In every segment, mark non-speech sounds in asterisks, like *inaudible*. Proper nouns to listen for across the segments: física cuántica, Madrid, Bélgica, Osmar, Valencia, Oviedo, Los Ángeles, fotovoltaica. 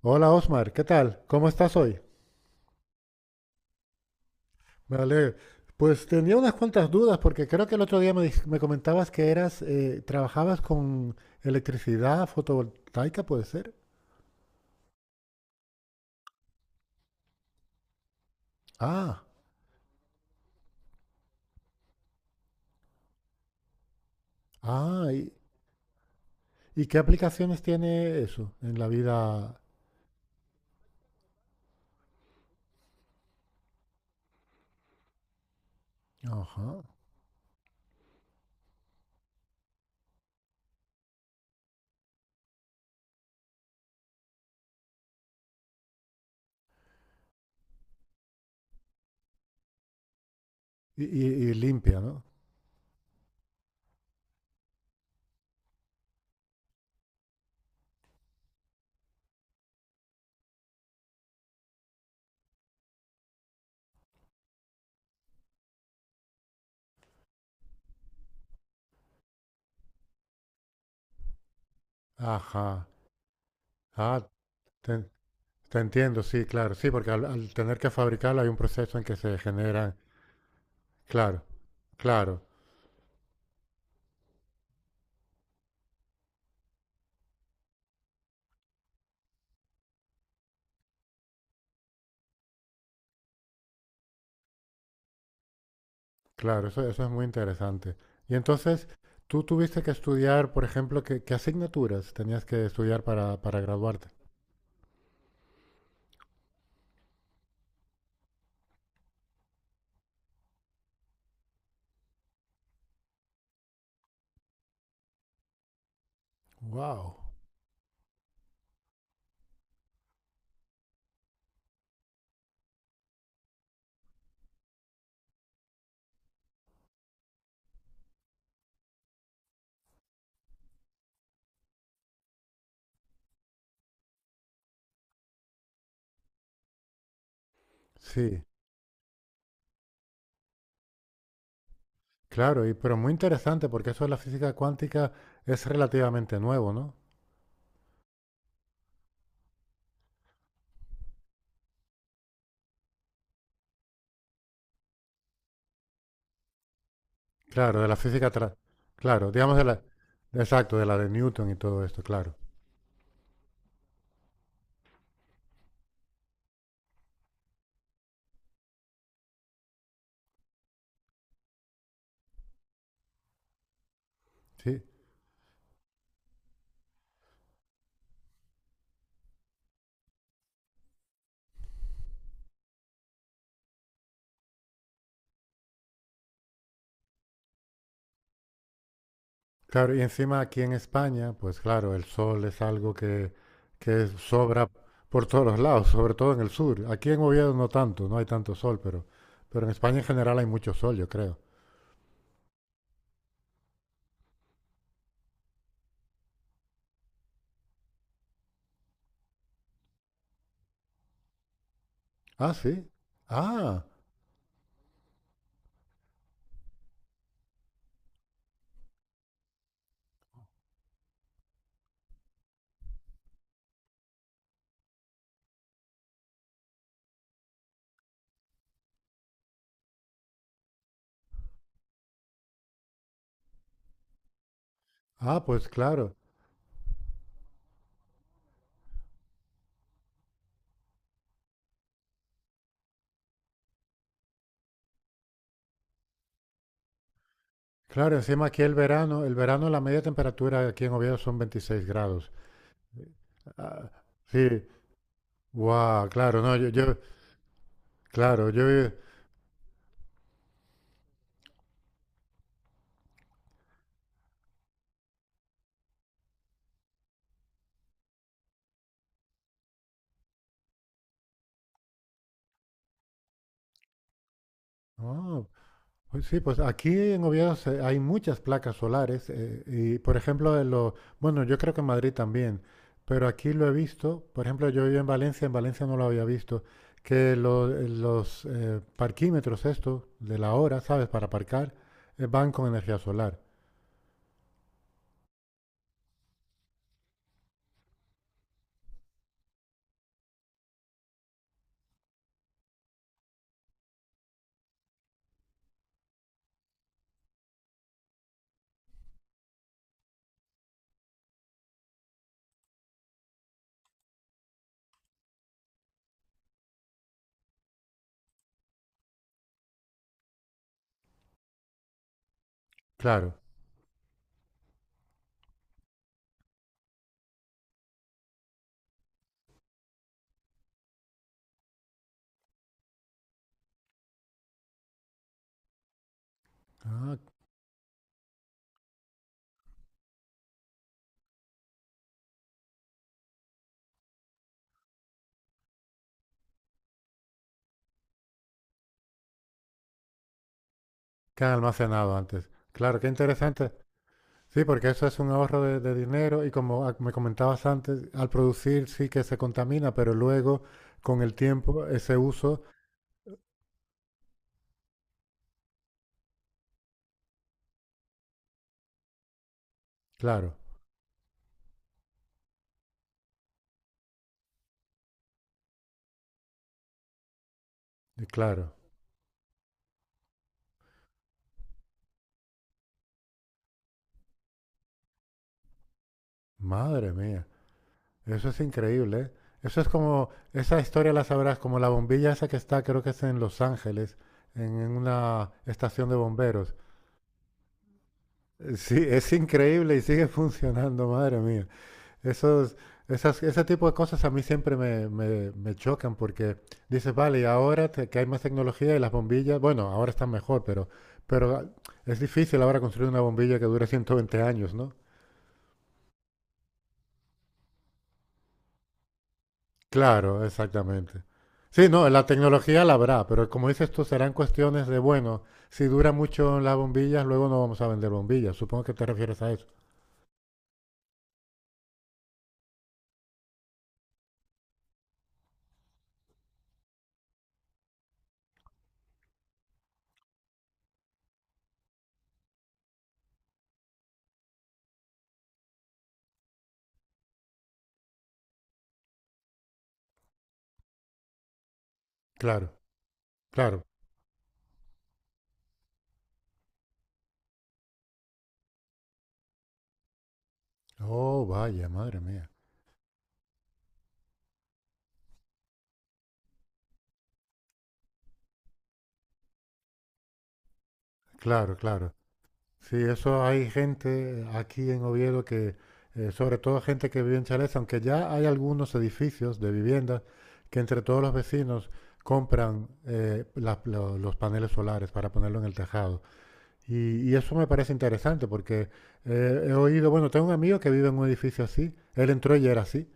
Hola Osmar, ¿qué tal? ¿Cómo estás hoy? Vale, pues tenía unas cuantas dudas porque creo que el otro día me comentabas que eras, trabajabas con electricidad fotovoltaica, ¿puede ser? Ah, ah, ¿y, y qué aplicaciones tiene eso en la vida? Ajá. Y limpia, ¿no? Ajá. Ah, te, te entiendo, sí, claro, sí, porque al, al tener que fabricarla hay un proceso en que se generan, claro, claro. Claro, eso es muy interesante. Y entonces, tú tuviste que estudiar, por ejemplo, ¿qué, qué asignaturas tenías que estudiar para graduarte? Wow. Sí, claro, y, pero muy interesante porque eso de la física cuántica es relativamente nuevo, ¿no? Claro, de la física, tra- claro, digamos de la, exacto, de la de Newton y todo esto, claro. Sí. Claro, y encima aquí en España, pues claro, el sol es algo que sobra por todos los lados, sobre todo en el sur. Aquí en Oviedo no tanto, no hay tanto sol, pero en España en general hay mucho sol, yo creo. Ah, sí. Ah, ah, pues claro. Claro, encima aquí el verano la media temperatura aquí en Oviedo son 26 grados. Ah, sí, wow, claro, no, yo, claro, yo, vivo- Ah, pues sí, pues aquí en Oviedo se- hay muchas placas solares y, por ejemplo, en lo, bueno, yo creo que en Madrid también, pero aquí lo he visto, por ejemplo, yo vivo en Valencia no lo había visto, que lo- los parquímetros estos de la hora, ¿sabes? Para aparcar, van con energía solar. Claro. Ah, que han almacenado antes. Claro, qué interesante. Sí, porque eso es un ahorro de dinero y como me comentabas antes, al producir sí que se contamina, pero luego con el tiempo ese uso claro, y claro. Madre mía, eso es increíble, ¿eh? Eso es como, esa historia la sabrás, como la bombilla esa que está, creo que es en Los Ángeles, en una estación de bomberos. Sí, es increíble y sigue *laughs* funcionando, madre mía. Esos, esas, ese tipo de cosas a mí siempre me, me, me chocan porque dices, vale, y ahora te- que hay más tecnología y las bombillas, bueno, ahora están mejor, pero, pero es difícil ahora construir una bombilla que dure 120 años, ¿no? Claro, exactamente. Sí, no, la tecnología la habrá, pero como dices tú, serán cuestiones de, bueno, si dura mucho las bombillas, luego no vamos a vender bombillas. Supongo que te refieres a eso. Claro, claro. Oh, vaya, madre mía. Claro, claro. Sí, eso hay gente aquí en Oviedo que, sobre todo gente que vive en chalés, aunque ya hay algunos edificios de viviendas que entre todos los vecinos compran la- lo- los paneles solares para ponerlo en el tejado. Y eso me parece interesante porque he oído, bueno, tengo un amigo que vive en un edificio así, él entró y era así.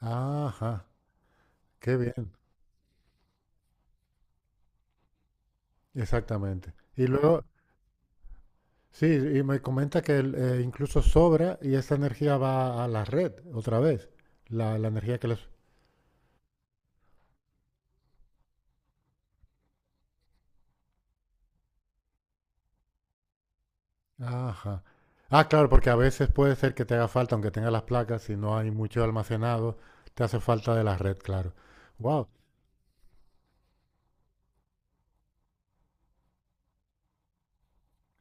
Ajá, qué bien, exactamente. Y luego, sí, y me comenta que el- incluso sobra y esa energía va a la red otra vez, la energía que les... Ajá. Ah, claro, porque a veces puede ser que te haga falta, aunque tengas las placas, si no hay mucho almacenado, te hace falta de la red, claro. Wow.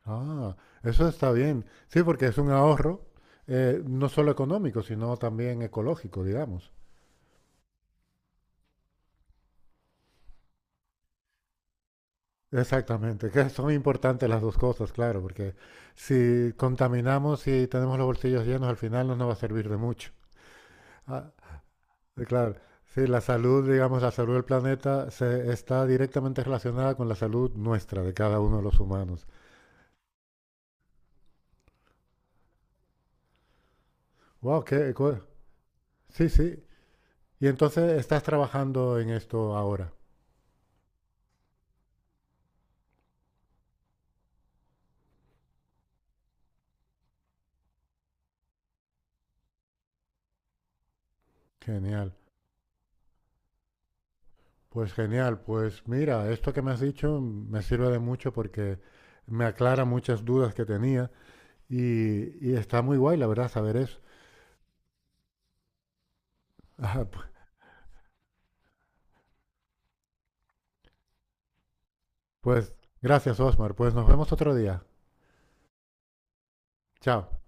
Ah, eso está bien. Sí, porque es un ahorro no solo económico, sino también ecológico, digamos. Exactamente, que son importantes las dos cosas, claro, porque si contaminamos y tenemos los bolsillos llenos, al final no nos va a servir de mucho. Ah, claro, sí, la salud, digamos, la salud del planeta se está directamente relacionada con la salud nuestra, de cada uno de los humanos. Wow, qué, cu- sí, sí. Y entonces estás trabajando en esto ahora. Genial. Pues genial, pues mira, esto que me has dicho me sirve de mucho porque me aclara muchas dudas que tenía y está muy guay, la verdad, saber eso. *laughs* Pues pues gracias, Osmar, pues nos vemos otro día. Chao.